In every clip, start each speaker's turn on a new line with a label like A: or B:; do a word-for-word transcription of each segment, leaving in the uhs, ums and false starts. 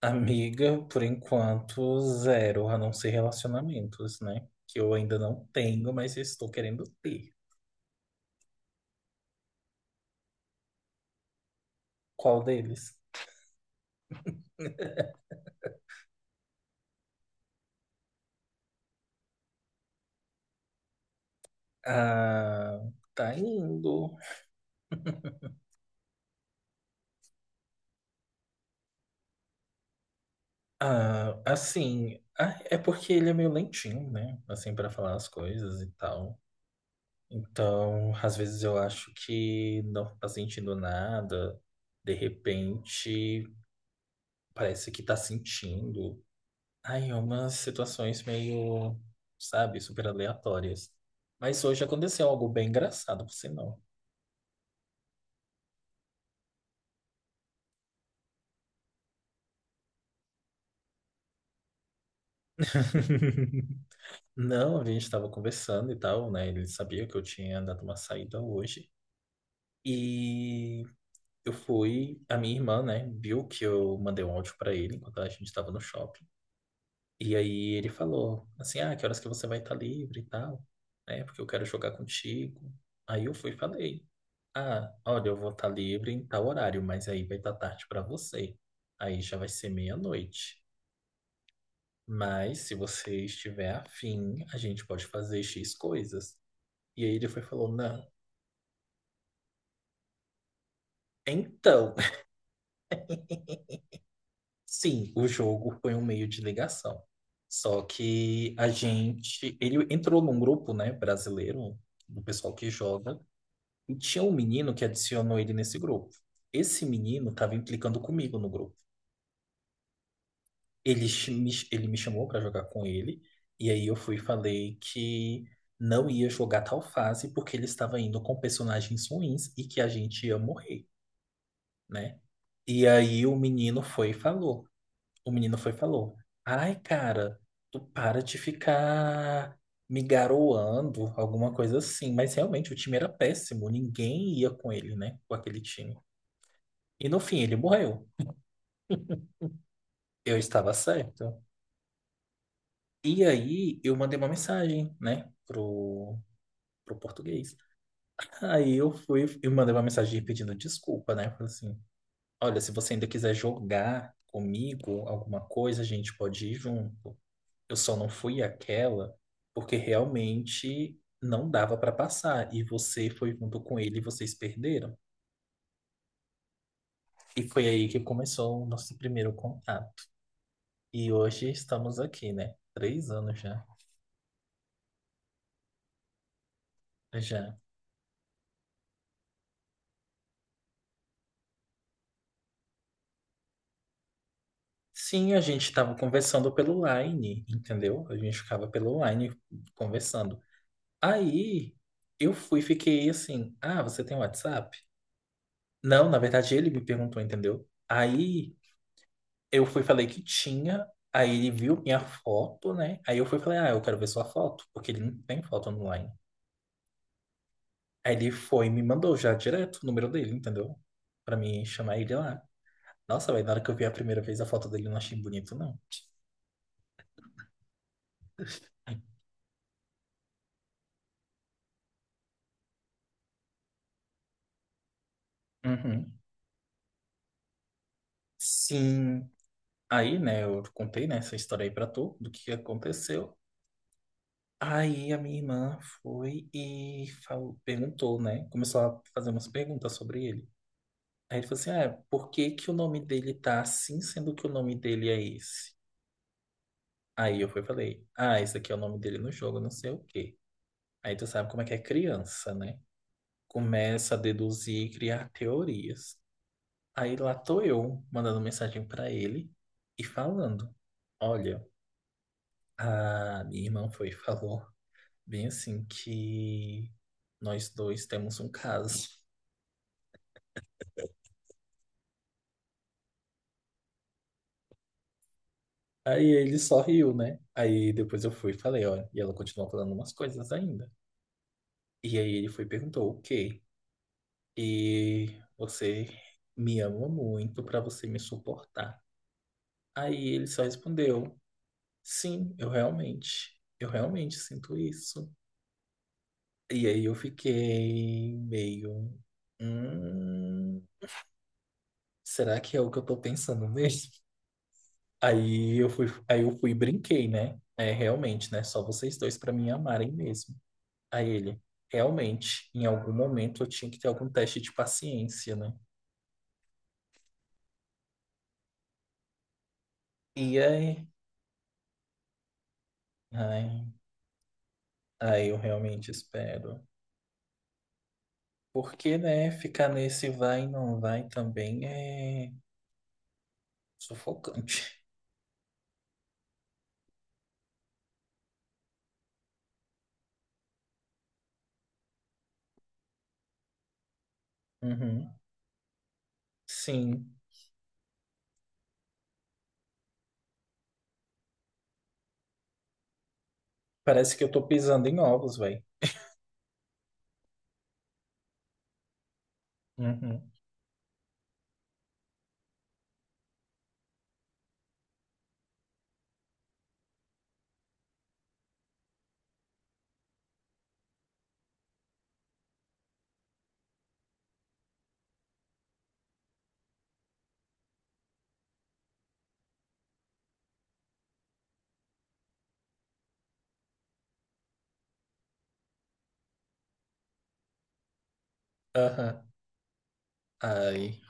A: Amiga, por enquanto, zero, a não ser relacionamentos, né? Que eu ainda não tenho, mas estou querendo ter. Qual deles? Ah, tá indo. Ah, assim, ah, é porque ele é meio lentinho, né? Assim, para falar as coisas e tal. Então, às vezes eu acho que não tá sentindo nada. De repente, parece que tá sentindo. Ai, umas situações meio, sabe, super aleatórias. Mas hoje aconteceu algo bem engraçado, por sinal. Não, a gente estava conversando e tal, né? Ele sabia que eu tinha dado uma saída hoje. E eu fui, a minha irmã, né, viu que eu mandei um áudio para ele enquanto a gente estava no shopping. E aí ele falou assim: "Ah, que horas que você vai estar livre e tal?" Né? Porque eu quero jogar contigo. Aí eu fui e falei. Ah, olha, eu vou estar livre em tal horário, mas aí vai estar tarde para você. Aí já vai ser meia-noite. Mas se você estiver afim, a gente pode fazer X coisas. E aí ele foi e falou: não. Então, sim, o jogo foi um meio de ligação. Só que a gente. Ele entrou num grupo, né, brasileiro, do pessoal que joga, e tinha um menino que adicionou ele nesse grupo. Esse menino estava implicando comigo no grupo. ele, ch- me- ele me chamou para jogar com ele, e aí eu fui e falei que não ia jogar tal fase porque ele estava indo com personagens ruins e que a gente ia morrer, né? E aí o menino foi e falou. O menino foi e falou: Ai, cara, tu para de ficar me garoando, alguma coisa assim. Mas realmente o time era péssimo, ninguém ia com ele, né? Com aquele time. E no fim ele morreu. Eu estava certo. E aí eu mandei uma mensagem, né, pro, pro português. Aí eu fui e mandei uma mensagem pedindo desculpa, né? Falei assim: olha, se você ainda quiser jogar comigo alguma coisa, a gente pode ir junto. Eu só não fui aquela porque realmente não dava para passar e você foi junto com ele e vocês perderam. E foi aí que começou o nosso primeiro contato. E hoje estamos aqui, né? Três anos já. Já. Sim, a gente estava conversando pelo Line, entendeu? A gente ficava pelo Line conversando. Aí eu fui, fiquei assim, ah, você tem WhatsApp? Não, na verdade ele me perguntou, entendeu? Aí eu fui, falei que tinha, aí ele viu minha foto, né? Aí eu fui, falei, ah, eu quero ver sua foto, porque ele não tem foto online. Aí ele foi e me mandou já direto o número dele, entendeu? Pra mim chamar ele lá. Nossa, velho, na hora que eu vi a primeira vez a foto dele, eu não achei bonito, não. Uhum. Sim. Aí, né, eu contei, né, essa história aí pra tu, do que aconteceu. Aí a minha irmã foi e falou, perguntou, né? Começou a fazer umas perguntas sobre ele. Aí ele falou assim: Ah, por que que o nome dele tá assim, sendo que o nome dele é esse? Aí eu fui e falei: Ah, esse aqui é o nome dele no jogo, não sei o quê. Aí tu sabe como é que é criança, né? Começa a deduzir e criar teorias. Aí lá tô eu, mandando mensagem pra ele e falando: Olha, a minha irmã foi e falou. Bem assim que nós dois temos um caso. Aí ele só riu, né? Aí depois eu fui e falei, olha e ela continuou falando umas coisas ainda. E aí ele foi e perguntou, o quê? E você me ama muito pra você me suportar. Aí ele só respondeu, sim, eu realmente, eu realmente sinto isso. E aí eu fiquei meio, hum, será que é o que eu tô pensando mesmo? Aí eu fui, aí eu fui e brinquei, né? É, realmente, né? Só vocês dois pra me amarem mesmo. Aí ele, realmente, em algum momento eu tinha que ter algum teste de paciência, né? E aí, ai, aí eu realmente espero. Porque, né, ficar nesse vai e não vai também é sufocante. Uhum. Sim. Parece que eu tô pisando em ovos, velho. Uhum. Aham. Ai.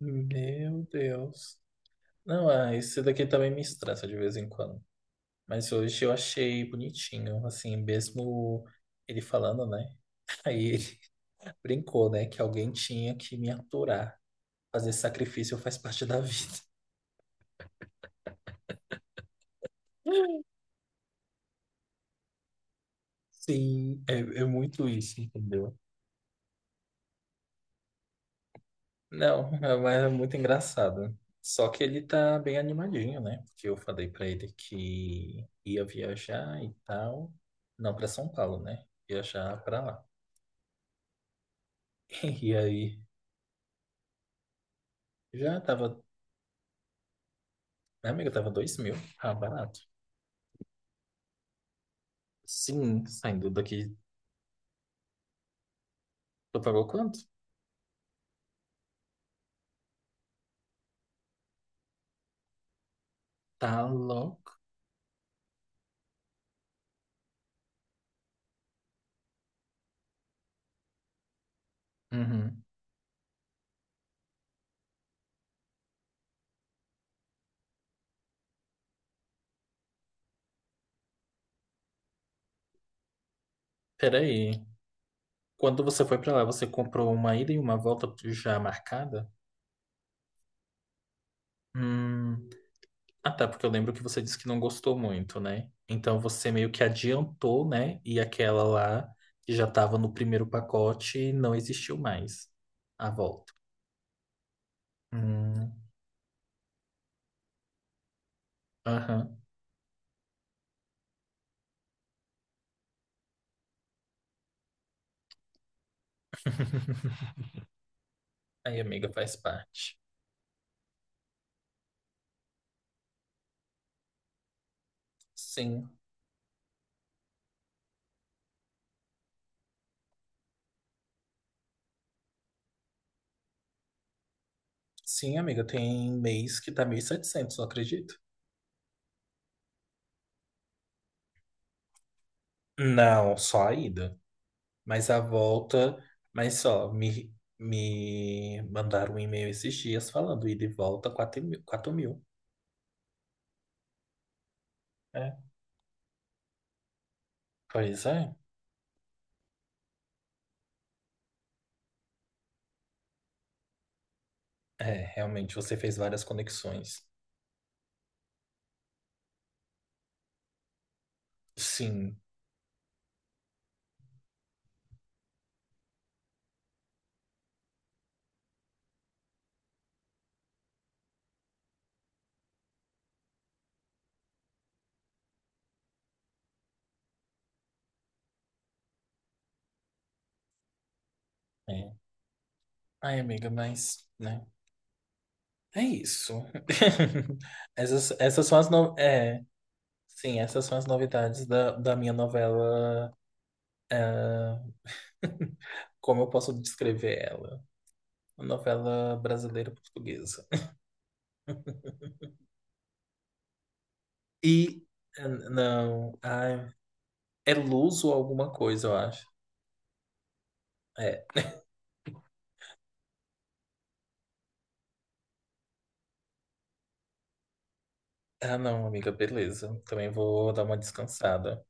A: Meu Deus. Não, ah, esse daqui também me estressa de vez em quando. Mas hoje eu achei bonitinho, assim, mesmo ele falando, né? Aí ele brincou, né? Que alguém tinha que me aturar. Fazer sacrifício faz parte da vida. Sim, é, é muito isso, entendeu? Não, é- mas é muito engraçado. Só que ele tá bem animadinho, né? Porque eu falei pra ele que ia viajar e tal. Não, pra São Paulo, né? Viajar pra lá. E aí, já tava. Minha amiga tava dois mil. Ah, barato. Sim, saindo daqui Tu pagou quanto? Tá louco. Uhum. Peraí. Quando você foi pra lá, você comprou uma ida e uma volta já marcada? Hum. Ah, tá, porque eu lembro que você disse que não gostou muito, né? Então você meio que adiantou, né? E aquela lá que já tava no primeiro pacote não existiu mais. A volta. Hum. Aham. Aí, amiga, faz parte. Sim. Sim, amiga, tem mês que tá mil e setecentos, não acredito. Não, só a ida. Mas a volta, mas só, me, me mandaram um e-mail esses dias falando ida e volta quatro mil. Quatro mil. É, pois é. É, realmente você fez várias conexões. Sim. É. Ai, amiga, mas, né? É isso. Essas, essas são as no... é, sim, essas são as novidades da, da minha novela. Como eu posso descrever ela? Uma novela brasileira portuguesa. E eh, não, ai, É luz ou alguma coisa, eu acho. É. Ah, não, amiga, beleza. Também vou dar uma descansada.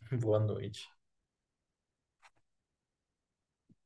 A: Boa noite.